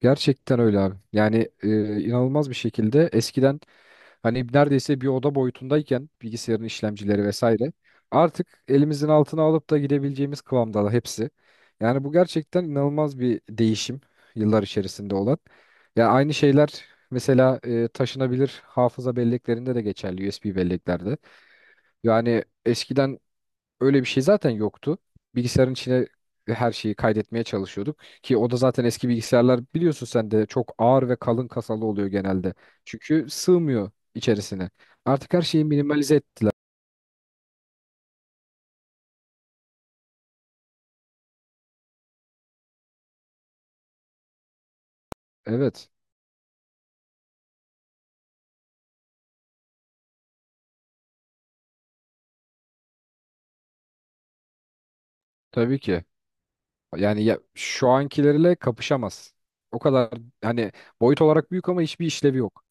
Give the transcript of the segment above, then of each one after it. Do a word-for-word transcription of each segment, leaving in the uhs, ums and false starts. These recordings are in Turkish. Gerçekten öyle abi. Yani e, inanılmaz bir şekilde eskiden hani neredeyse bir oda boyutundayken bilgisayarın işlemcileri vesaire artık elimizin altına alıp da gidebileceğimiz kıvamda hepsi. Yani bu gerçekten inanılmaz bir değişim yıllar içerisinde olan. Ya aynı şeyler mesela e, taşınabilir hafıza belleklerinde de geçerli U S B belleklerde. Yani eskiden öyle bir şey zaten yoktu. Bilgisayarın içine her şeyi kaydetmeye çalışıyorduk ki o da zaten eski bilgisayarlar biliyorsun sen de çok ağır ve kalın kasalı oluyor genelde. Çünkü sığmıyor içerisine. Artık her şeyi minimalize ettiler. Evet, tabii ki. Yani ya, şu ankilerle kapışamaz. O kadar hani boyut olarak büyük ama hiçbir işlevi yok.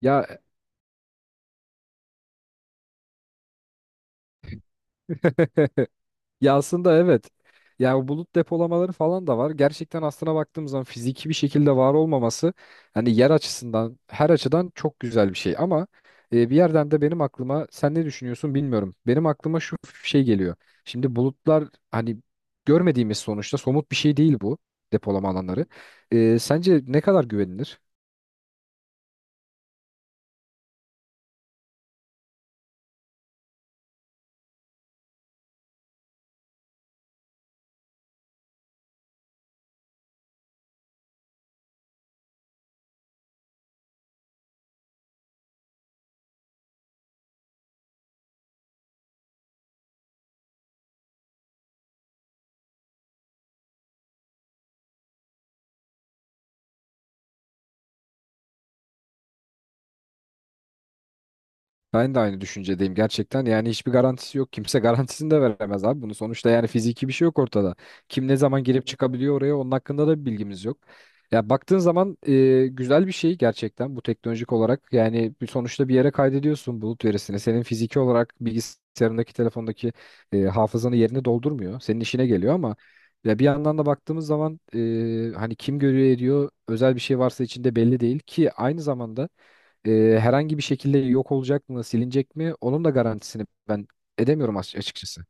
Ya ya aslında evet. Ya o bulut depolamaları falan da var. Gerçekten aslına baktığım zaman fiziki bir şekilde var olmaması hani yer açısından her açıdan çok güzel bir şey. Ama e, bir yerden de benim aklıma sen ne düşünüyorsun bilmiyorum. Benim aklıma şu şey geliyor. Şimdi bulutlar hani görmediğimiz sonuçta somut bir şey değil bu depolama alanları. E, sence ne kadar güvenilir? Ben de aynı düşüncedeyim gerçekten. Yani hiçbir garantisi yok. Kimse garantisini de veremez abi. Bunu sonuçta yani fiziki bir şey yok ortada. Kim ne zaman girip çıkabiliyor oraya onun hakkında da bir bilgimiz yok. Ya baktığın zaman e, güzel bir şey gerçekten bu teknolojik olarak. Yani bir sonuçta bir yere kaydediyorsun bulut verisini. Senin fiziki olarak bilgisayarındaki, telefondaki e, hafızanı yerine doldurmuyor. Senin işine geliyor ama ya bir yandan da baktığımız zaman e, hani kim görüyor ediyor özel bir şey varsa içinde belli değil ki aynı zamanda e, herhangi bir şekilde yok olacak mı, silinecek mi? Onun da garantisini ben edemiyorum aç- açıkçası.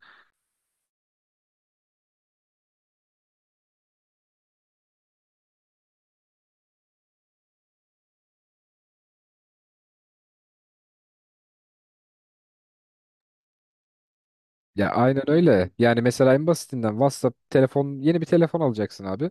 Ya aynen öyle. Yani mesela en basitinden WhatsApp telefon yeni bir telefon alacaksın abi.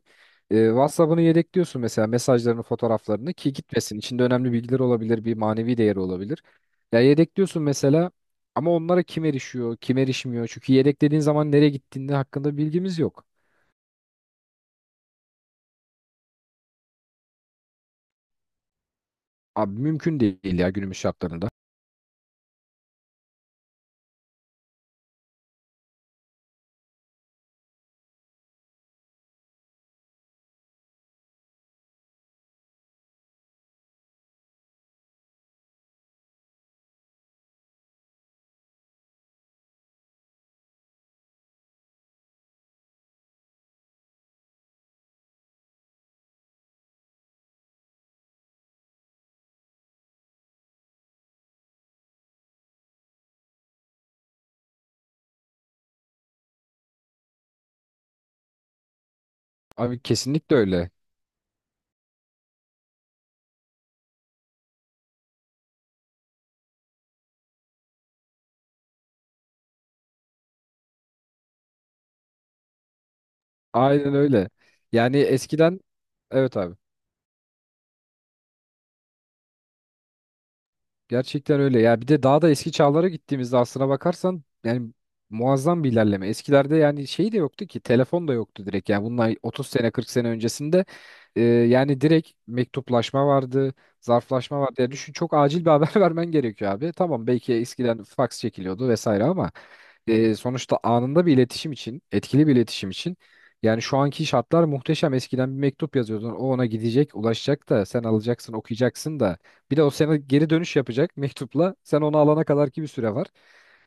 E, WhatsApp'ını yedekliyorsun mesela mesajlarını, fotoğraflarını ki gitmesin. İçinde önemli bilgiler olabilir, bir manevi değeri olabilir. Ya yedekliyorsun mesela ama onlara kim erişiyor, kim erişmiyor? Çünkü yedeklediğin zaman nereye gittiğinde hakkında bilgimiz yok. Abi mümkün değil ya günümüz şartlarında. Abi kesinlikle öyle. Aynen öyle. Yani eskiden evet abi. Gerçekten öyle ya bir de daha da eski çağlara gittiğimizde aslına bakarsan yani muazzam bir ilerleme. Eskilerde yani şey de yoktu ki telefon da yoktu direkt yani bunlar otuz sene kırk sene öncesinde e, yani direkt mektuplaşma vardı, zarflaşma vardı. Yani düşün çok acil bir haber vermen gerekiyor abi. Tamam belki eskiden faks çekiliyordu vesaire ama e, sonuçta anında bir iletişim için, etkili bir iletişim için yani şu anki şartlar muhteşem. Eskiden bir mektup yazıyordun. O ona gidecek, ulaşacak da sen alacaksın, okuyacaksın da bir de o sana geri dönüş yapacak mektupla. Sen onu alana kadar ki bir süre var.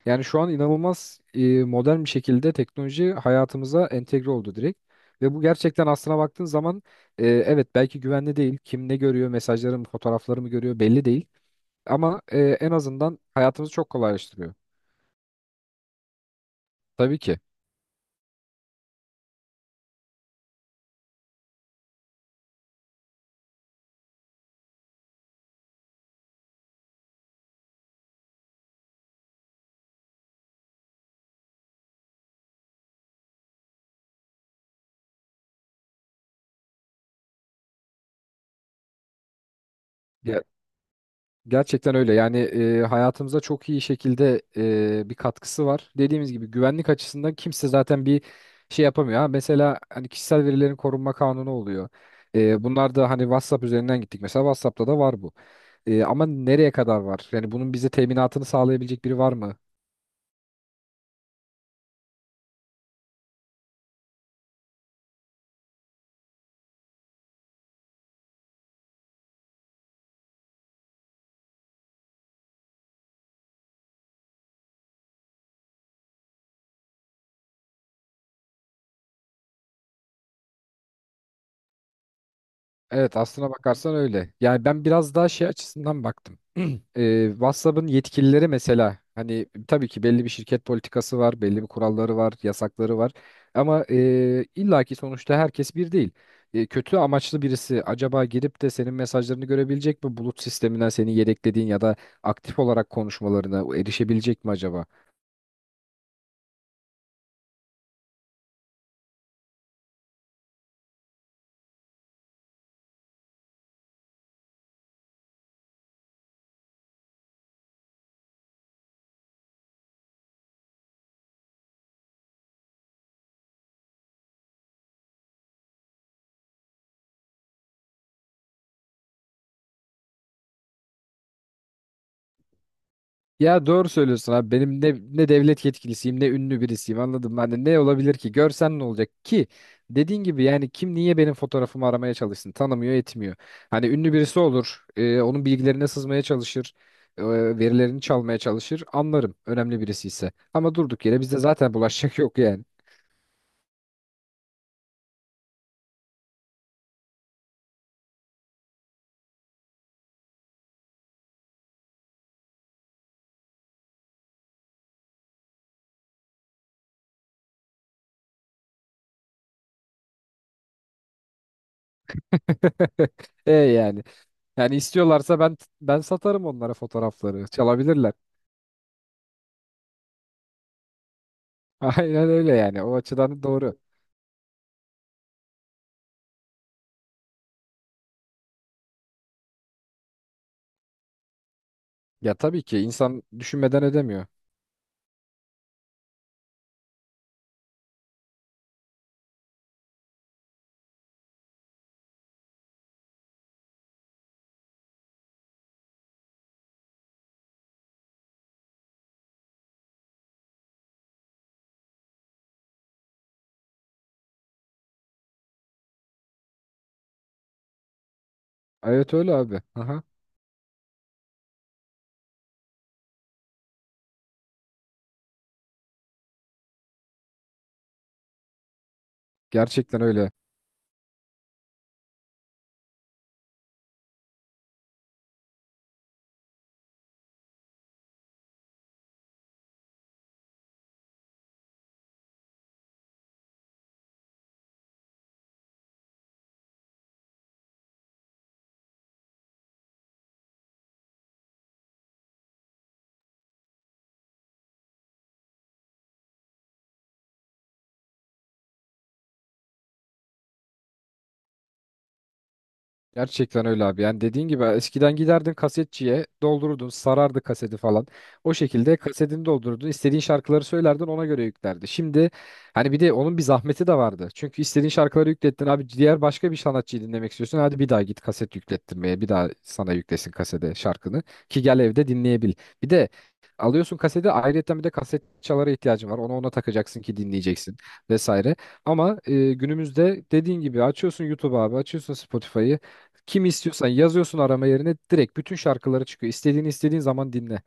Yani şu an inanılmaz e, modern bir şekilde teknoloji hayatımıza entegre oldu direkt. Ve bu gerçekten aslına baktığın zaman e, evet belki güvenli değil. Kim ne görüyor, mesajlarımı, fotoğraflarımı görüyor belli değil. Ama e, en azından hayatımızı çok kolaylaştırıyor. Tabii ki. Ya gerçekten öyle. Yani e, hayatımıza çok iyi şekilde e, bir katkısı var. Dediğimiz gibi güvenlik açısından kimse zaten bir şey yapamıyor. Ha, mesela hani kişisel verilerin korunma kanunu oluyor. E, bunlar da hani WhatsApp üzerinden gittik. Mesela WhatsApp'ta da var bu. E, ama nereye kadar var? Yani bunun bize teminatını sağlayabilecek biri var mı? Evet aslına bakarsan öyle. Yani ben biraz daha şey açısından baktım. Ee, WhatsApp'ın yetkilileri mesela hani tabii ki belli bir şirket politikası var, belli bir kuralları var, yasakları var. Ama e, illaki sonuçta herkes bir değil. E, kötü amaçlı birisi acaba girip de senin mesajlarını görebilecek mi? Bulut sisteminden seni yedeklediğin ya da aktif olarak konuşmalarına erişebilecek mi acaba? Ya doğru söylüyorsun abi. Benim ne, ne devlet yetkilisiyim ne ünlü birisiyim anladın mı? Hani ne olabilir ki? Görsen ne olacak ki? Dediğin gibi yani kim niye benim fotoğrafımı aramaya çalışsın? Tanımıyor etmiyor. Hani ünlü birisi olur. e, onun bilgilerine sızmaya çalışır. e, verilerini çalmaya çalışır. Anlarım önemli birisi ise. Ama durduk yere bizde zaten bulaşacak yok yani. E yani. Yani istiyorlarsa ben ben satarım onlara fotoğrafları. Çalabilirler. Aynen öyle yani. O açıdan doğru. Ya tabii ki insan düşünmeden edemiyor. Evet öyle abi. Aha. Gerçekten öyle. Gerçekten öyle abi. Yani dediğin gibi eskiden giderdin kasetçiye doldururdun, sarardı kaseti falan. O şekilde kasetini doldururdun, istediğin şarkıları söylerdin ona göre yüklerdi. Şimdi hani bir de onun bir zahmeti de vardı. Çünkü istediğin şarkıları yüklettin abi diğer başka bir sanatçıyı dinlemek istiyorsun. Hadi bir daha git kaset yüklettirmeye bir daha sana yüklesin kasede şarkını ki gel evde dinleyebil. Bir de alıyorsun kaseti ayrıyeten bir de kaset çalara ihtiyacın var. Onu ona takacaksın ki dinleyeceksin vesaire. Ama e, günümüzde dediğin gibi açıyorsun YouTube abi, açıyorsun Spotify'ı. Kimi istiyorsan yazıyorsun arama yerine direkt bütün şarkıları çıkıyor. İstediğini istediğin zaman dinle.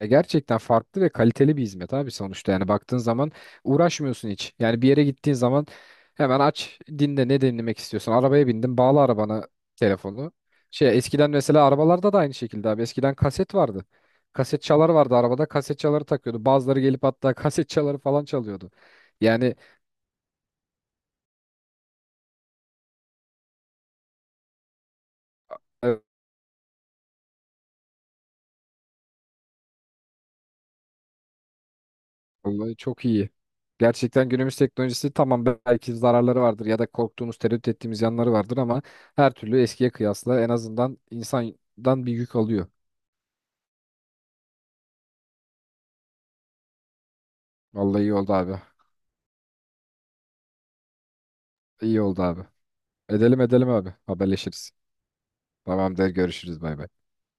Ya gerçekten farklı ve kaliteli bir hizmet abi sonuçta. Yani baktığın zaman uğraşmıyorsun hiç. Yani bir yere gittiğin zaman hemen aç dinle ne dinlemek istiyorsun. Arabaya bindin bağla arabana telefonu. Şey eskiden mesela arabalarda da aynı şekilde abi. Eskiden kaset vardı. Kaset çalar vardı arabada kaset çaları takıyordu. Bazıları gelip hatta kaset çaları falan çalıyordu. Yani e, vallahi çok iyi. Gerçekten günümüz teknolojisi tamam belki zararları vardır ya da korktuğumuz, tereddüt ettiğimiz yanları vardır ama her türlü eskiye kıyasla en azından insandan bir yük alıyor. Vallahi iyi oldu abi. İyi oldu abi. Edelim edelim abi. Haberleşiriz. Tamamdır görüşürüz bay bay.